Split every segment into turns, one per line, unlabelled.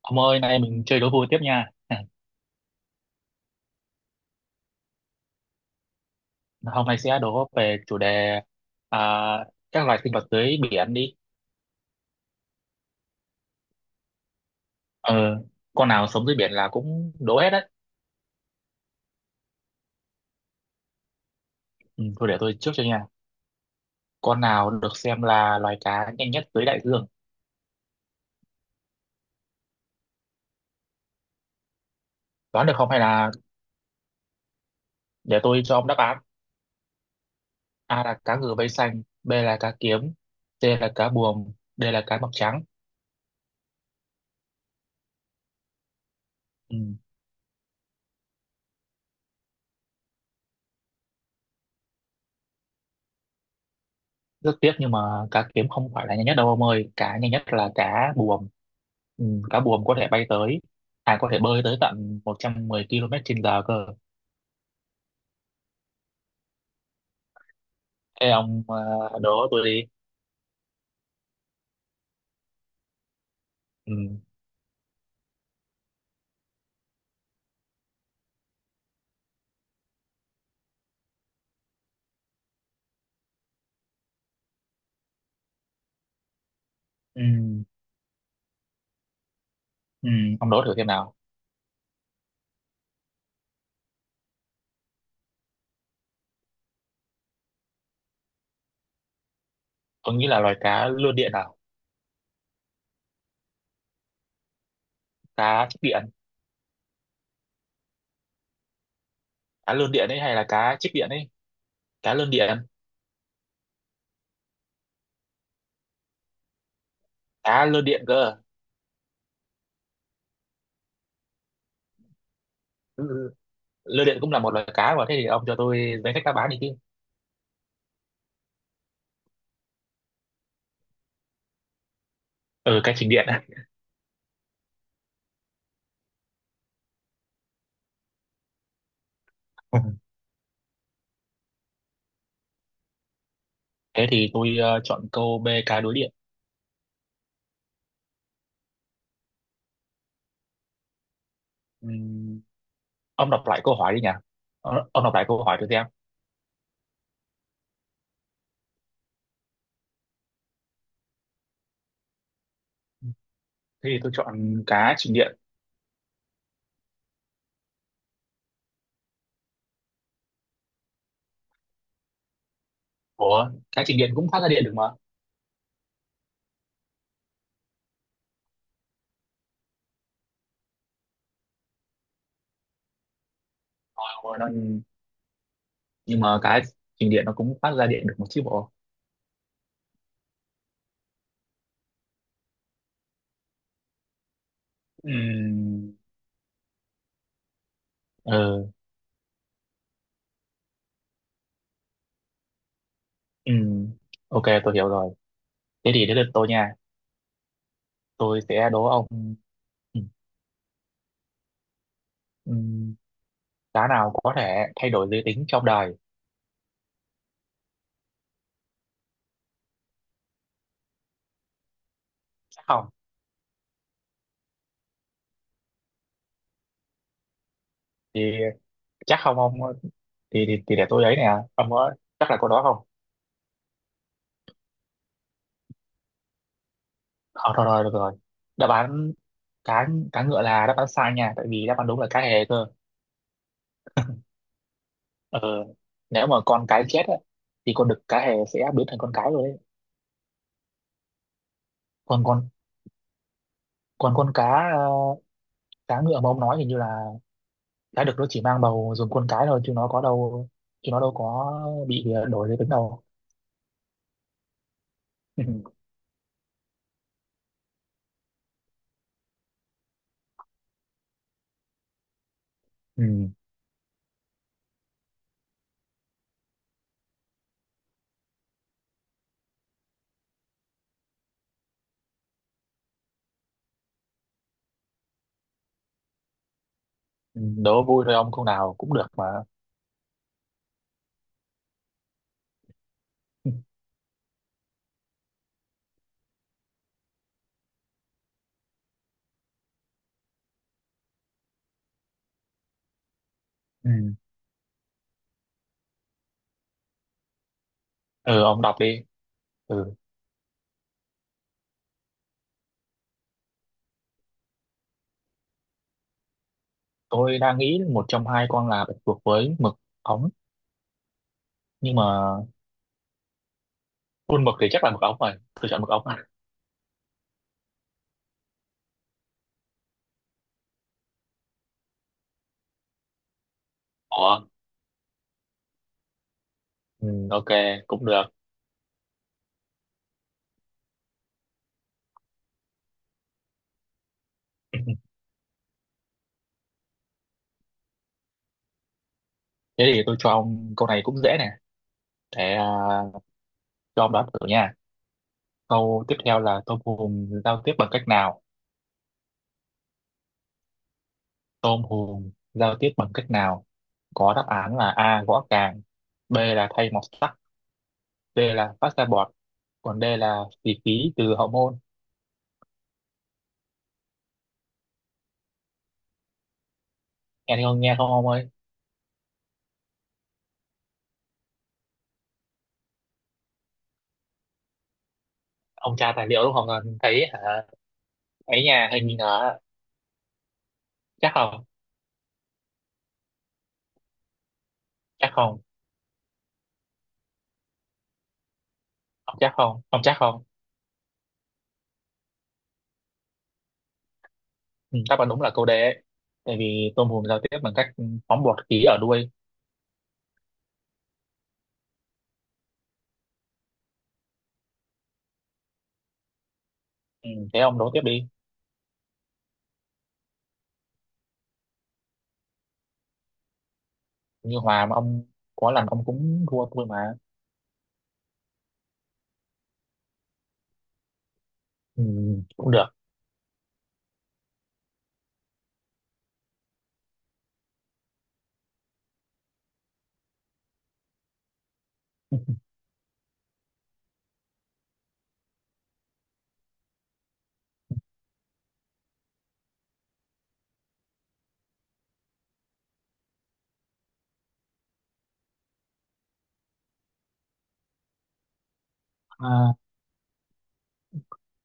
Ông ơi, nay mình chơi đố vui tiếp nha. Hôm nay sẽ đố về chủ đề à, các loài sinh vật dưới biển đi. Ờ, con nào sống dưới biển là cũng đố hết đấy. Ừ, thôi để tôi trước cho nha. Con nào được xem là loài cá nhanh nhất dưới đại dương? Đoán được không hay là để tôi cho ông đáp án? A là cá ngừ vây xanh, B là cá kiếm, C là cá buồm, D là cá mập trắng. Ừ, rất tiếc nhưng mà cá kiếm không phải là nhanh nhất đâu ông ơi, cá nhanh nhất là cá buồm. ừ, Cá buồm có thể bay tới, à, có thể bơi tới tận 110 km trên giờ cơ. Thế ông, đố tôi đi. Ừ, ừ, ừ, ông đố thử xem nào. Tôi nghĩ là loài cá lươn điện nào. Cá chích điện. Cá lươn điện ấy hay là cá chích điện ấy. Cá lươn điện. Cá lươn điện cơ. Ừ, lươn điện cũng là một loài cá mà. Thế thì ông cho tôi danh sách đáp án đi chứ. Ừ, cá trình điện. Thế thì tôi, chọn câu B, cá đối điện. Ừ, ông đọc lại câu hỏi đi nhỉ? Ờ, ông đọc lại câu hỏi cho xem. Thế thì tôi chọn cá trình điện. Ủa, cá trình điện cũng phát ra điện được mà. Ờ, ủa, nhưng mà cá trình điện nó cũng phát ra điện được một chứ bộ. Ừm, ờ, ừm, ok, tôi hiểu rồi. Thế thì đến lượt tôi nha. Tôi sẽ đố ông, ừm, ừm, cá nào có thể thay đổi giới tính trong đời. Chắc không? Thì chắc không ông. Thì để tôi ấy nè. Ông có chắc là câu đó không? Thôi thôi thôi, được rồi. Đáp án, cá cá ngựa là đáp án sai nha, tại vì đáp án đúng là cá hề cơ. ờ Nếu mà con cái chết á, thì con đực cá hề sẽ biến thành con cái rồi đấy. Còn con, còn con cá ờ, cá ngựa mà ông nói thì như là cá đực nó chỉ mang bầu dùng con cái thôi, chứ nó đâu có bị, đổi giới tính đâu. Ừ. Ừ, đố vui thôi ông, câu nào cũng được mà. Ừ. Ừ, ông đọc đi. Ừ, tôi đang nghĩ một trong hai con là bạch tuộc với mực ống, nhưng mà khuôn mực thì chắc là mực ống rồi. Tôi chọn mực ống. À. Ủa, ừ, ok, cũng được. Thế thì tôi cho ông câu này cũng dễ nè. Để, cho ông đoán thử nha. Câu tiếp theo là tôm hùm giao tiếp bằng cách nào? Tôm hùm giao tiếp bằng cách nào? Có đáp án là A, gõ càng. B là thay mọt sắt. C là phát ra bọt. Còn D là xì khí từ hậu môn. Em không nghe không ông ơi? Ông tra tài liệu đúng không? Còn thấy hả? Ấy nhà hình như là, chắc không? Chắc không? Ông chắc không? Ông chắc không? Ừ, đáp án đúng là câu D ấy. Tại vì tôm hùm giao tiếp bằng cách phóng bọt khí ở đuôi. Ừ, thế ông đố tiếp đi. Như hòa mà ông, có lần ông cũng thua tôi mà. Ừ, cũng được. À,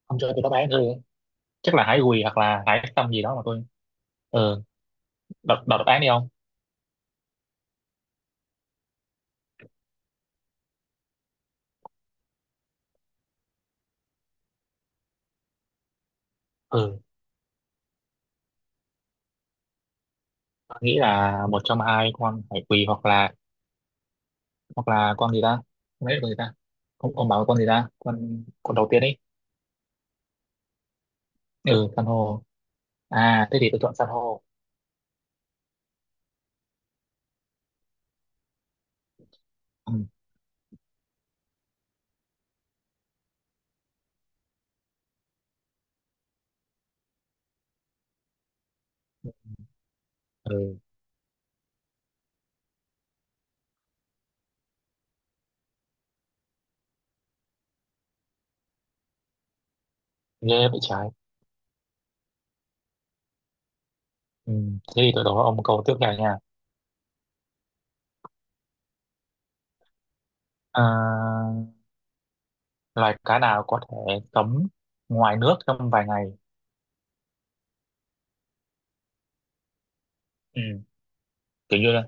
ông cho tôi đáp án thôi. Chắc là hái gùi hoặc là hái xong gì đó mà tôi. Ừ, đọc đáp án đi ông. Ừ, tôi nghĩ là một trong hai con hải quỳ, hoặc là con gì ta? Không biết là con gì ta? Không, ông bảo là con gì ta? Con đầu tiên ấy. Ừ, san hô. À, thế thì tôi chọn san hô. Ừ, ừ, ghê vậy trời. Ừ. Thế thì tôi đố ông câu tiếp theo nha. À, loài cá nào có thể sống ngoài nước trong vài ngày? Ừ. Kiểu như là,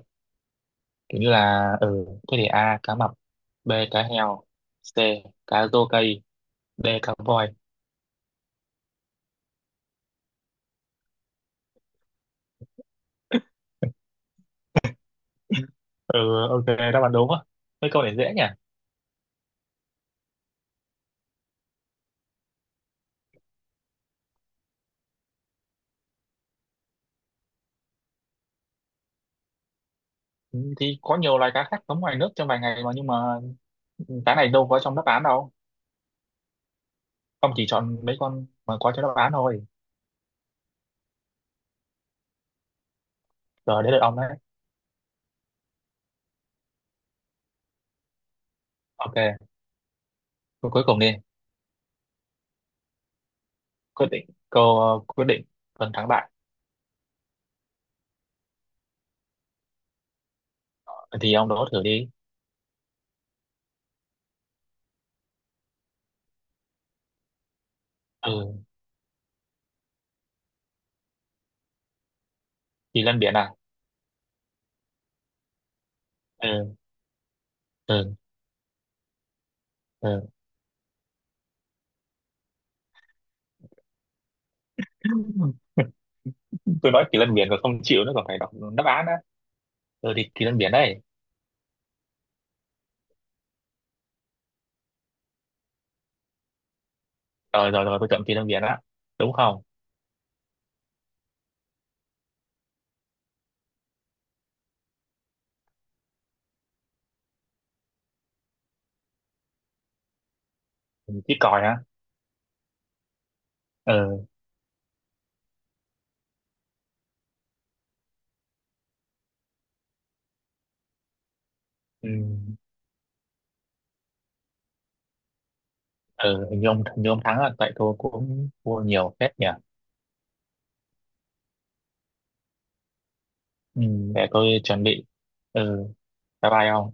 ừ, thế thì A, cá mập, B, cá heo, C, cá rô cây, D, cá voi. Ừ, ok, đáp án đúng á. Mấy câu này dễ nhỉ? Ừ, thì có nhiều loài cá khác sống ngoài nước trong vài ngày mà, nhưng mà cá này đâu có trong đáp án đâu. Ông chỉ chọn mấy con mà có trong đáp án thôi. Rồi, đến lượt ông đấy. Ok, câu cuối cùng đi. Quyết định câu, ờ, quyết định phần thắng bại. Thì ông đố thử đi. Ừ, kỳ lân biển à. Ừ, ừ, ừ. Tôi nói kỳ lân biển rồi không chịu, nữa còn phải đọc đáp án á. Ừ, thì kỳ lân biển đây. Rồi, rồi, rồi, tôi chọn kỳ lân biển á, đúng không? Chiếc còi á. Ừ, ừ, ừ, hình như ông, thắng rồi, tại tôi cũng thua nhiều phết nhỉ. Ừ, để tôi chuẩn bị. Ừ, bye bye ông.